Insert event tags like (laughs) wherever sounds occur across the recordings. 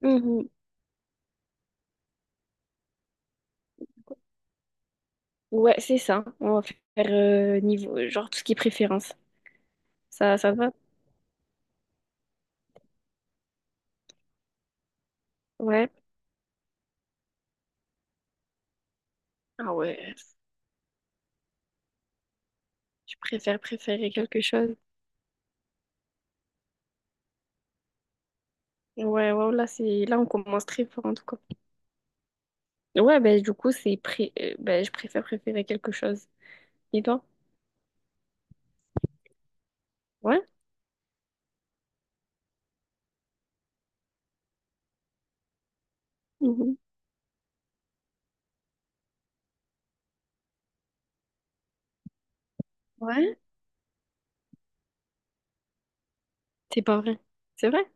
Mhm. Ouais, c'est ça. On va faire niveau, genre tout ce qui est préférence. Ça te va? Ouais. Ah ouais. Tu préfères préférer quelque chose? Ouais, ouais, là, on commence très fort en tout cas. Ouais, ben du coup, ben, je préfère préférer quelque chose. Et toi? Ouais? Mhm. Ouais? C'est pas vrai. C'est vrai?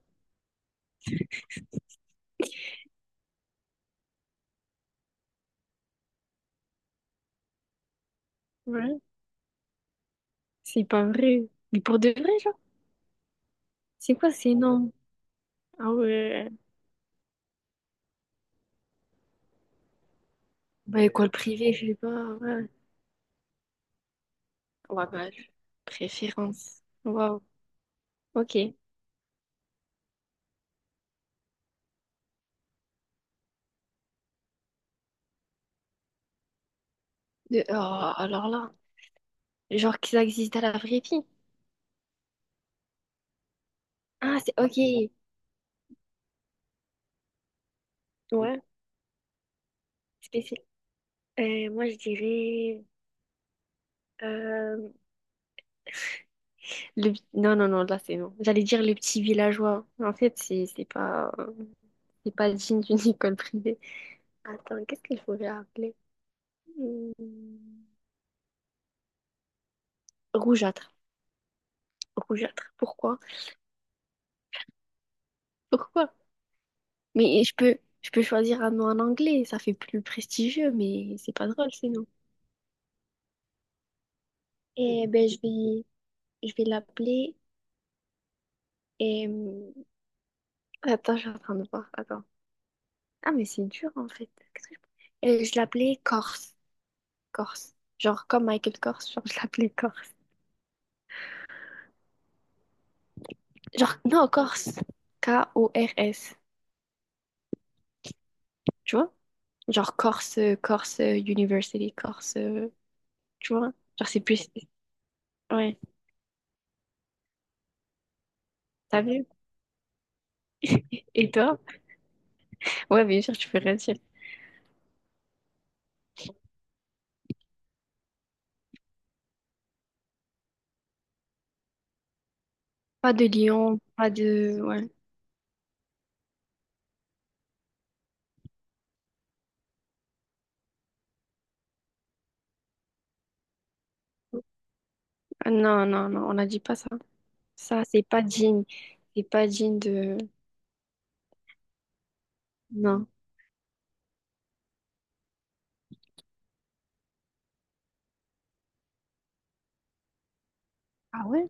Ouais. C'est pas vrai. Mais pour de vrai, genre? C'est quoi? C'est énorme. Ah ouais. Bah, école privée, je sais pas. Ouais. Ouais, bah, préférence. Waouh. Ok. Oh, alors là, genre que ça existe à la vraie vie. Ah, c'est ok. Ouais, spécial. Moi, je dirais, euh, non, non, non, là, c'est non. J'allais dire le petit villageois. En fait, c'est pas digne d'une (laughs) école privée. Attends, qu'est-ce qu'il faudrait appeler? Hmm, Rougeâtre. Rougeâtre. Pourquoi? Pourquoi? Mais je peux choisir un nom en anglais. Ça fait plus prestigieux, mais c'est pas drôle, c'est non. Eh ben, je vais l'appeler. Attends, je suis en train de voir. Attends. Ah, mais c'est dur en fait. Qu'est-ce que je l'appelais Corse. Corse. Genre comme Michael Corse, genre je l'appelais Corse. Genre, non, Corse. Kors. Tu vois? Genre Corse, Corse University, Corse. Tu vois? Genre c'est plus. Ouais, t'as vu? Et toi? Ouais, bien sûr, tu peux rien dire. Pas de Lyon, pas de. Ouais. Ah, non, non, non, on n'a dit pas ça. Ça, c'est pas digne. C'est pas digne de. Non. Ah ouais?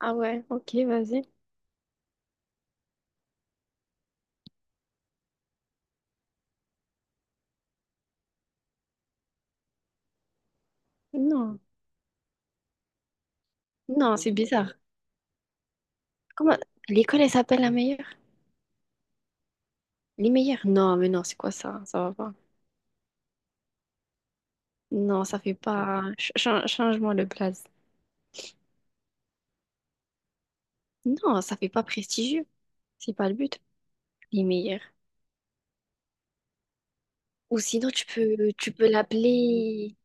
Ah ouais, ok, vas-y. Non, non, c'est bizarre. Comment l'école elle s'appelle la meilleure? Les meilleurs? Non, mais non, c'est quoi ça? Ça va pas. Non, ça fait pas. Change-moi le blaze. Non, ça fait pas prestigieux. C'est pas le but. Les meilleurs. Ou sinon tu peux l'appeler.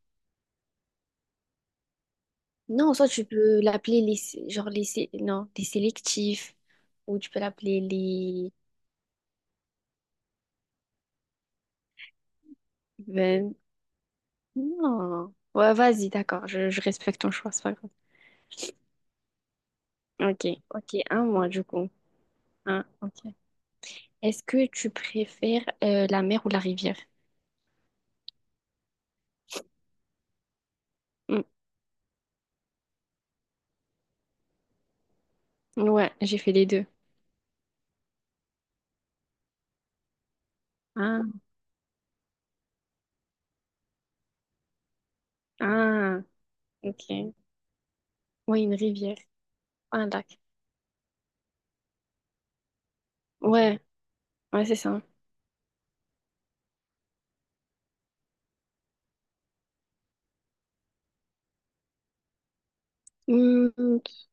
Non, soit tu peux l'appeler les sé- genre les sé- non les sélectifs. Ou tu peux l'appeler les. Ben, non. Ouais, vas-y, d'accord. Je respecte ton choix, c'est pas grave. Ok, ok. Un mois du coup. Un, ok. Est-ce que tu préfères la mer ou la rivière? Mm. Ouais, j'ai fait les deux. Ah, ah, ok. Ouais, une rivière, un lac. Ouais, ouais, c'est ça. Hmm,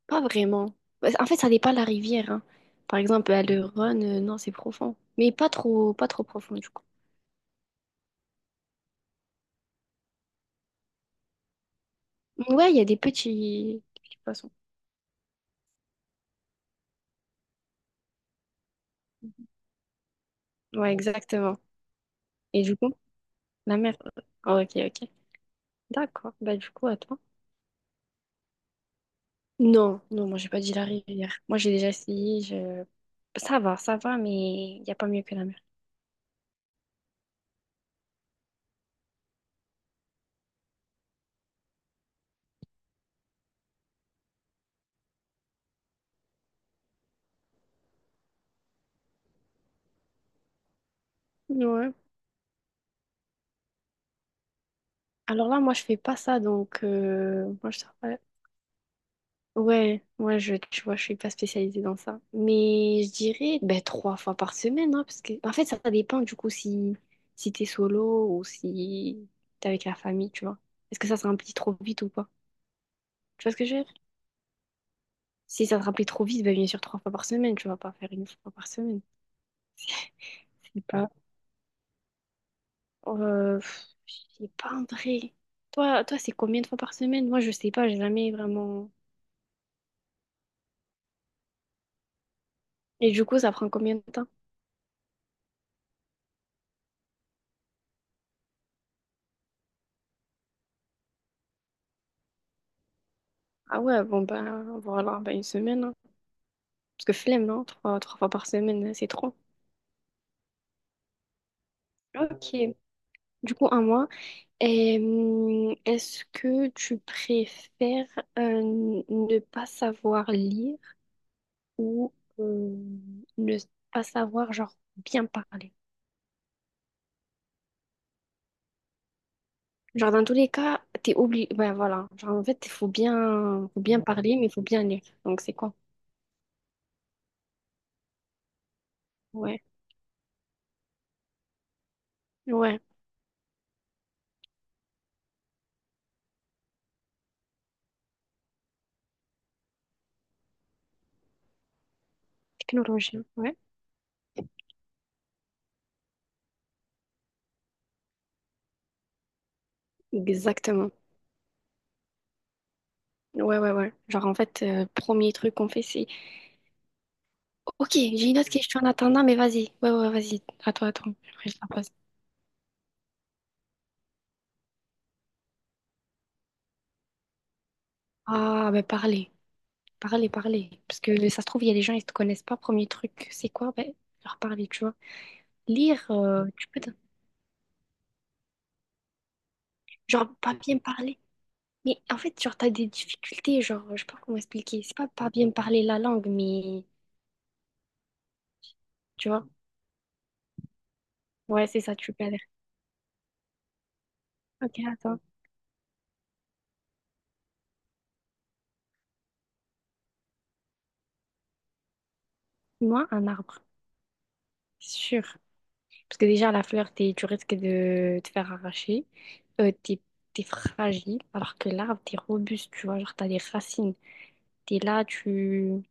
pas vraiment. Bah, en fait, ça dépend de la rivière, hein. Par exemple, à le Rhône, non, c'est profond. Mais pas trop, pas trop profond, du coup. Ouais, il y a des petits, petits poissons. Ouais, exactement. Et du coup, la mer. Oh, ok, ok. D'accord. Bah, du coup, attends. Non, non, moi j'ai pas dit la rivière. Moi j'ai déjà essayé, je... Ça va, ça va, mais il n'y a pas mieux que la mer. Ouais. Alors là, moi je fais pas ça, donc moi je sors pas. Ouais, moi je, tu vois, je suis pas spécialisée dans ça. Mais je dirais ben trois fois par semaine, hein, parce que en fait ça, ça dépend du coup si t'es solo ou si t'es avec la famille, tu vois. Est-ce que ça se remplit trop vite ou pas? Tu vois ce que je veux dire? Si ça se remplit trop vite, ben bien sûr trois fois par semaine, tu vas pas faire une fois par semaine. (laughs) C'est pas. Pff, je sais pas en vrai. Toi, toi, c'est combien de fois par semaine? Moi, je sais pas, j'ai jamais vraiment. Et du coup, ça prend combien de temps? Ah ouais, bon ben voilà, ben une semaine, hein. Parce que flemme, non? Trois, trois fois par semaine, hein, c'est trop. Ok. Du coup, un mois. Et est-ce que tu préfères ne pas savoir lire ou euh, ne pas savoir genre bien parler? Genre, dans tous les cas, t'es oublié, ben voilà. Genre, en fait, il faut bien parler, mais il faut bien lire. Donc, c'est quoi? Ouais, ouais. Technologie, ouais. Exactement. Ouais, ouais, ouais. Genre, en fait, premier truc qu'on fait, c'est... Ok, j'ai une autre question en attendant, mais vas-y. Ouais, ouais, vas-y. À toi, à toi. Après, je la pose. Ah, ben, parler. Parler, parler. Parce que ça se trouve, il y a des gens, ils te connaissent pas. Premier truc, c'est quoi? Ben, leur parler, tu vois. Lire, tu peux. Genre, pas bien parler. Mais en fait, genre, t'as des difficultés, genre, je sais pas comment expliquer. C'est pas pas bien parler la langue, mais tu vois, ouais, c'est ça, tu galères. Ok, attends. Moi, un arbre, sûr. Parce que déjà, la fleur, t'es, tu risques de te faire arracher. Euh, t'es, t'es fragile, alors que l'arbre, t'es robuste, tu vois, genre, t'as des racines. T'es là, tu.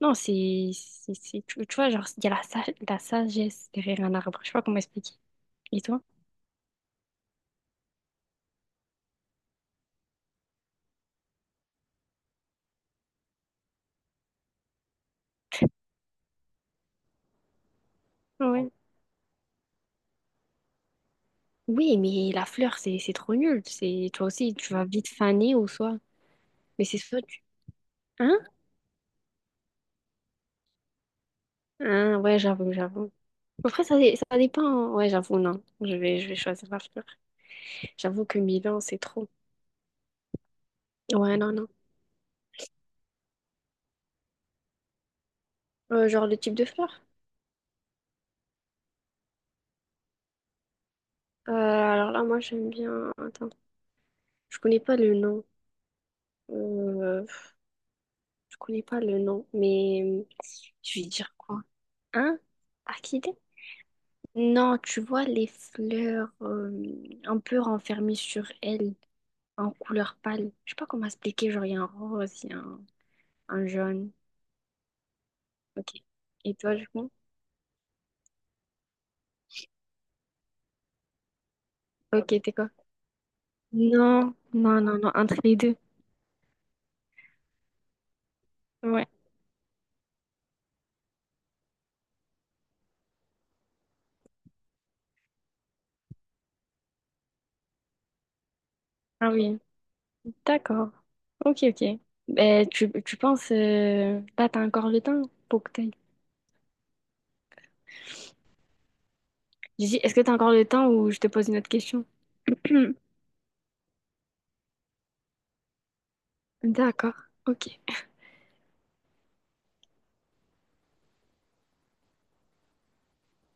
Non, tu vois, genre, il y a la sagesse derrière un arbre. Je sais pas comment expliquer. Et toi? Ouais. Oui, mais la fleur, c'est trop nul. C'est toi aussi, tu vas vite faner ou soit. Mais c'est soit tu. Hein? Hein, ouais, j'avoue, j'avoue. Après, ça dépend. Ouais, j'avoue, non. Je vais choisir la fleur. J'avoue que Milan, c'est trop. Ouais, non, non. Genre le type de fleur? Alors là, moi, j'aime bien. Attends, je connais pas le nom. Euh, je connais pas le nom, mais je vais dire quoi? Hein? Orchidée? Non, tu vois les fleurs un peu renfermées sur elles, en couleur pâle. Je sais pas comment expliquer, genre il y a un rose, il y a un jaune. Ok. Et toi, du coup? Ok, t'es quoi? Non, non, non, non, entre les deux. Ouais. Ah oui. D'accord. Ok, ok. Ben, tu penses, là, t'as encore le temps pour que t'ailles. J'ai dit, est-ce que t'as encore le temps ou je te pose une autre question? (clears throat) D'accord. Ok.